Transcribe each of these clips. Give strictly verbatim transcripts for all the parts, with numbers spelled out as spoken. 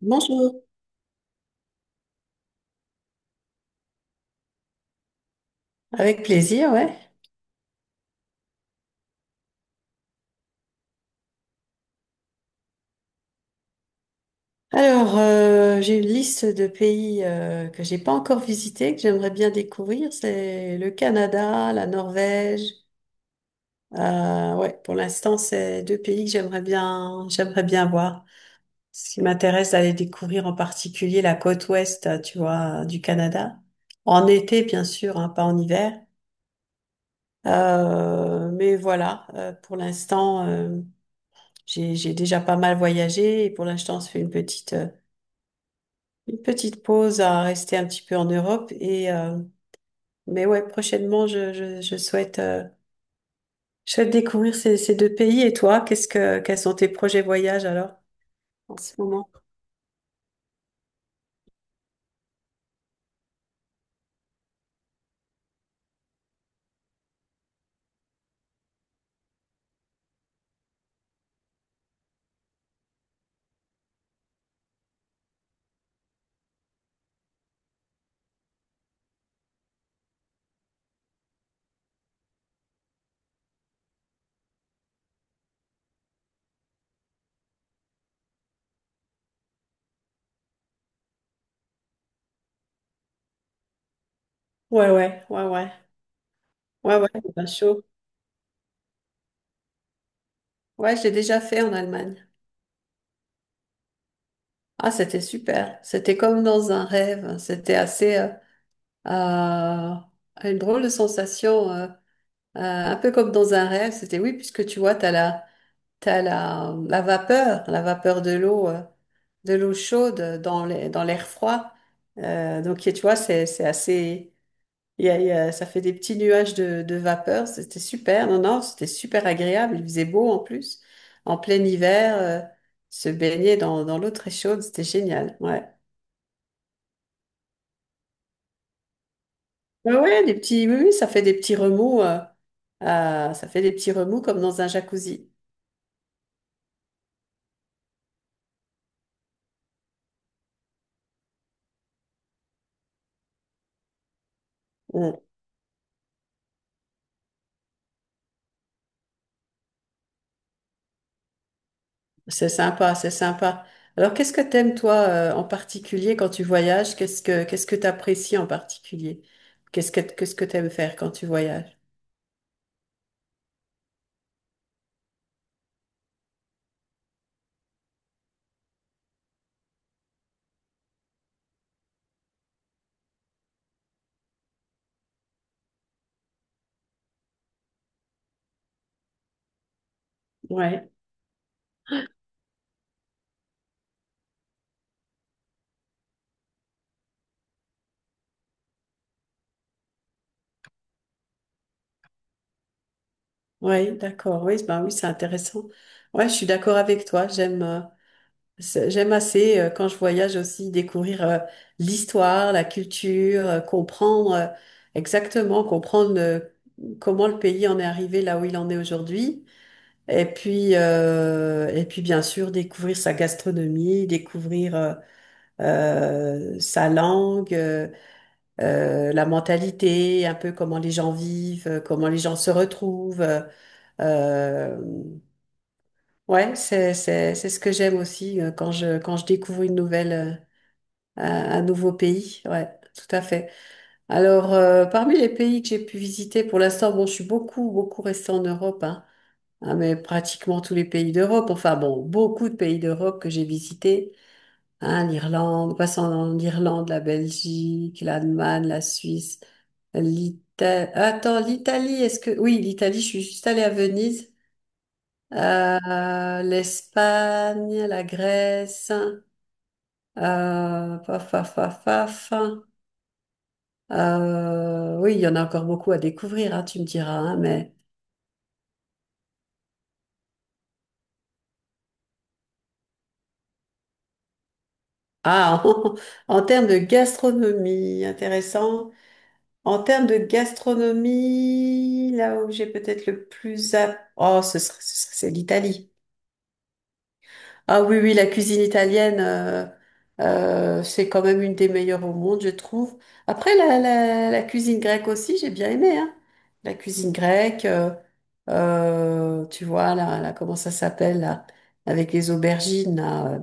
Bonjour, avec plaisir, ouais. Alors, euh, j'ai une liste de pays euh, que j'ai pas encore visités, que j'aimerais bien découvrir. C'est le Canada, la Norvège. Euh, ouais, pour l'instant, c'est deux pays que j'aimerais bien, j'aimerais bien voir. Ce qui m'intéresse, d'aller découvrir en particulier la côte ouest, euh, tu vois, du Canada. En été, bien sûr, hein, pas en hiver. Euh, mais voilà, euh, pour l'instant, euh, j'ai j'ai déjà pas mal voyagé et pour l'instant, on se fait une petite euh, une petite pause à rester un petit peu en Europe et euh, mais ouais, prochainement je, je, je souhaite euh, je souhaite découvrir ces, ces deux pays. Et toi, qu'est-ce que quels sont tes projets voyages alors en ce moment? Ouais, ouais, ouais, ouais, ouais, ouais, c'est pas chaud. Ouais, j'ai déjà fait en Allemagne. Ah, c'était super. C'était comme dans un rêve. C'était assez euh, euh, une drôle de sensation, euh, euh, un peu comme dans un rêve. C'était oui puisque tu vois t'as la t'as la, la vapeur, la vapeur de l'eau, euh, de l'eau chaude dans les- dans l'air froid. Euh, donc, tu vois, c'est, c'est assez, il y a- il y a- ça fait des petits nuages de, de vapeur. C'était super. Non, non, c'était super agréable. Il faisait beau en plus. En plein hiver, euh, se baigner dans, dans l'eau très chaude, c'était génial. Ouais. Ouais, ouais, des petits, oui, oui, ça fait des petits remous, euh, euh, ça fait des petits remous comme dans un jacuzzi. C'est sympa, c'est sympa. Alors, qu'est-ce que t'aimes, toi, euh, en particulier quand tu voyages? Qu'est-ce que qu'est-ce que t'apprécies en particulier? Qu'est-ce que qu'est-ce que t'aimes faire quand tu voyages? Ouais, ouais, d'accord. Oui, ben oui, c'est intéressant. Ouais, je suis d'accord avec toi. J'aime. euh, C'est- J'aime assez, euh, quand je voyage aussi, découvrir euh, l'histoire, la culture, euh, comprendre euh, exactement, comprendre euh, comment le pays en est arrivé là où il en est aujourd'hui. Et puis, euh, et puis bien sûr, découvrir sa gastronomie, découvrir euh, euh, sa langue, euh, euh, la mentalité, un peu comment les gens vivent, euh, comment les gens se retrouvent. euh, euh, ouais, c'est, c'est, c'est ce que j'aime aussi euh, quand je, quand je découvre une nouvelle. euh, un, un nouveau pays, ouais, tout à fait. Alors, euh, parmi les pays que j'ai pu visiter pour l'instant, bon, je suis beaucoup, beaucoup restée en Europe, hein, hein, mais pratiquement tous les pays d'Europe, enfin bon, beaucoup de pays d'Europe que j'ai visités, hein, l'Irlande, passant en Irlande, la Belgique, l'Allemagne, la Suisse, l'Italie. Attends, l'Italie, est-ce que... Oui, l'Italie, je suis juste allée à Venise. Euh, L'Espagne, la Grèce, hein, euh, paf, paf, paf, paf. Hein. Euh, oui, il y en a encore beaucoup à découvrir, hein, tu me diras, hein, mais ah, en, en termes de gastronomie, intéressant. En termes de gastronomie, là où j'ai peut-être le plus à... Oh, ce serait, ce serait- c'est l'Italie. Ah oui, oui, la cuisine italienne, euh, euh, c'est quand même une des meilleures au monde, je trouve. Après, la, la, la cuisine grecque aussi, j'ai bien aimé, hein. La cuisine grecque, euh, euh, tu vois, là, là, comment ça s'appelle, là, avec les aubergines, là,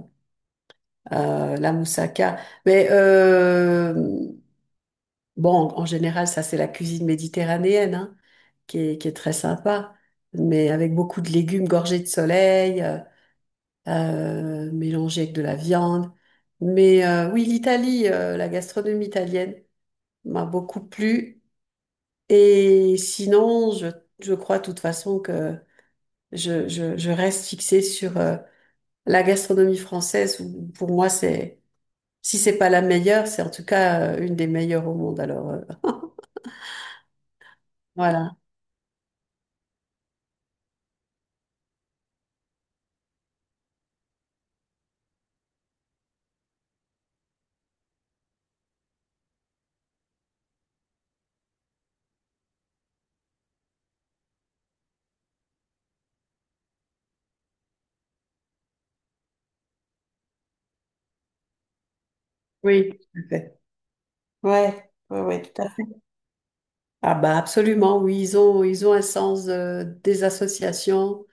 euh, la moussaka. Mais euh, bon, en en général, ça, c'est la cuisine méditerranéenne, hein, qui est, qui est très sympa, mais avec beaucoup de légumes gorgés de soleil. Euh, euh, mélangé avec de la viande. Mais euh, oui, l'Italie, euh, la gastronomie italienne m'a beaucoup plu. Et sinon, je, je crois de toute façon que je, je, je reste fixée sur euh, la gastronomie française, où pour moi, c'est, si c'est pas la meilleure, c'est en tout cas euh, une des meilleures au monde. Alors euh, voilà. Oui, tout à fait. Ouais, ouais, ouais, tout à fait. Ah bah absolument, oui, ils ont, ils ont un sens euh, des associations.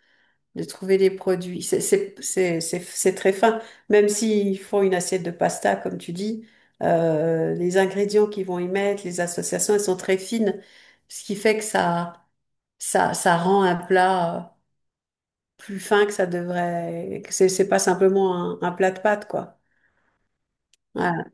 De trouver des produits. C'est c'est- c'est- c'est- c'est très fin. Même s'ils font une assiette de pasta, comme tu dis, euh, les ingrédients qu'ils vont y mettre, les associations, elles sont très fines, ce qui fait que ça, ça, ça rend un plat euh, plus fin que ça devrait. Que C'est c'est pas simplement un, un plat de pâtes, quoi. Voilà.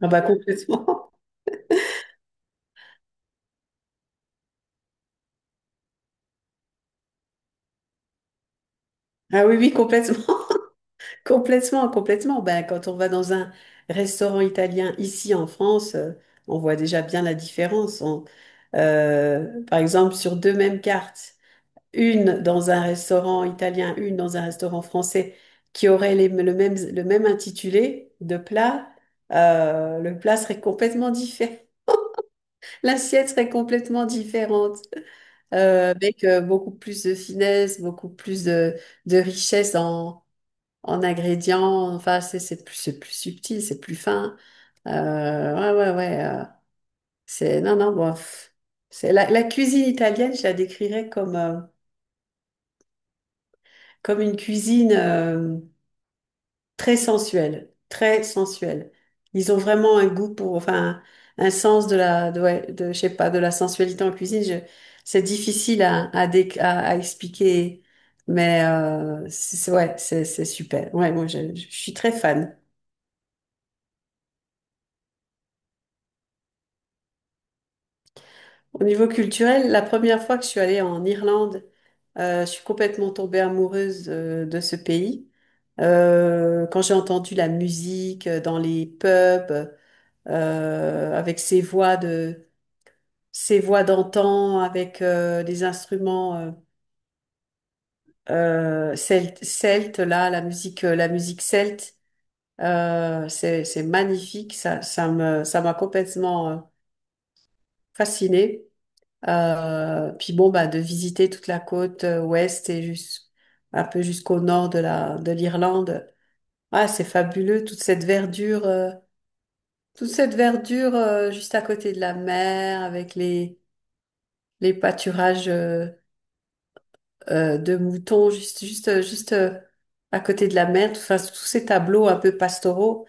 Ah bah complètement. Ah oui, oui, complètement. Complètement, complètement. Ben, quand on va dans un restaurant italien ici en France, euh, on voit déjà bien la différence. On- euh, par exemple, sur deux mêmes cartes, une dans un restaurant italien, une dans un restaurant français, qui aurait les- le même, le même intitulé de plat, euh, le plat serait complètement différent. L'assiette serait complètement différente, euh, avec euh, beaucoup plus de finesse, beaucoup plus de, de richesse en ingrédients. Enfin, c'est c'est plus, c'est plus subtil, c'est plus fin. Euh, ouais, ouais, ouais. euh, c'est Non, non. Bon, pff, c'est la, la cuisine italienne. Je la décrirais comme euh, comme une cuisine euh, très sensuelle, très sensuelle. Ils ont vraiment un goût pour, enfin, un sens de la, de, ouais, de, je sais pas, de la sensualité en cuisine. Je- c'est difficile à, à, déc- à, à expliquer, mais euh, c'est, c'est- ouais, c'est c'est super. Ouais, moi, je je suis très fan. Au niveau culturel, la première fois que je suis allée en Irlande, euh, je suis complètement tombée amoureuse euh, de ce pays. Euh, quand j'ai entendu la musique euh, dans les pubs, euh, avec ces voix de, ces voix d'antan, avec euh, des instruments euh, euh, celt- celtes, là, la musique, euh, la musique celte, euh, c'est, c'est magnifique. Ça, ça me, ça m'a complètement euh, fascinée. Euh, puis bon, bah, de visiter toute la côte euh, ouest et juste un peu jusqu'au nord de la, de l'Irlande. Ah, c'est fabuleux, toute cette verdure, euh, toute cette verdure euh, juste à côté de la mer, avec les, les pâturages euh, euh, de moutons, juste, juste, euh, juste euh, à côté de la mer, enfin, tous ces tableaux un peu pastoraux.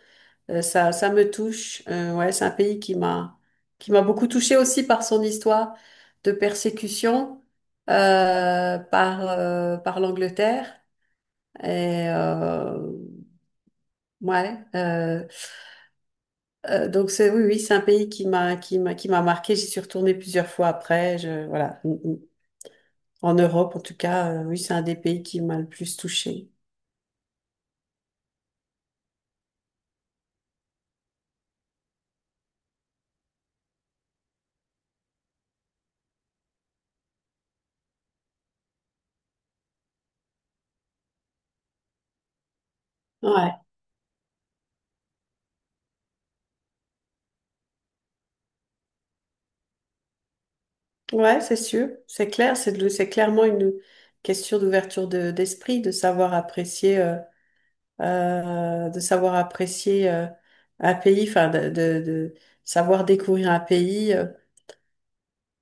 Euh, ça, ça me touche. Euh, ouais, c'est un pays qui m'a qui m'a beaucoup touchée aussi par son histoire de persécution euh, par euh, par l'Angleterre. Et euh, ouais, euh, euh, donc c'est Oui, oui, c'est un pays qui m'a qui m'a qui m'a marqué. J'y suis retournée plusieurs fois après. Je Voilà. En Europe, en tout cas, euh, oui, c'est un des pays qui m'a le plus touchée. Ouais, ouais, c'est sûr, c'est clair, c'est de- c'est clairement une question d'ouverture de- d'esprit, de savoir apprécier, euh, euh, de savoir apprécier euh, un pays, enfin, de, de, de savoir découvrir un pays. euh,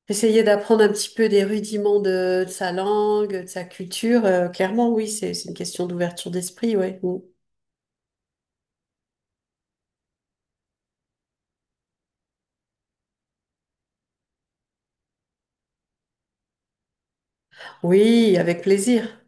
Essayer d'apprendre un petit peu des rudiments de, de sa langue, de sa culture, euh, clairement, oui, c'est, c'est une question d'ouverture d'esprit, ouais. Mm. Oui, avec plaisir.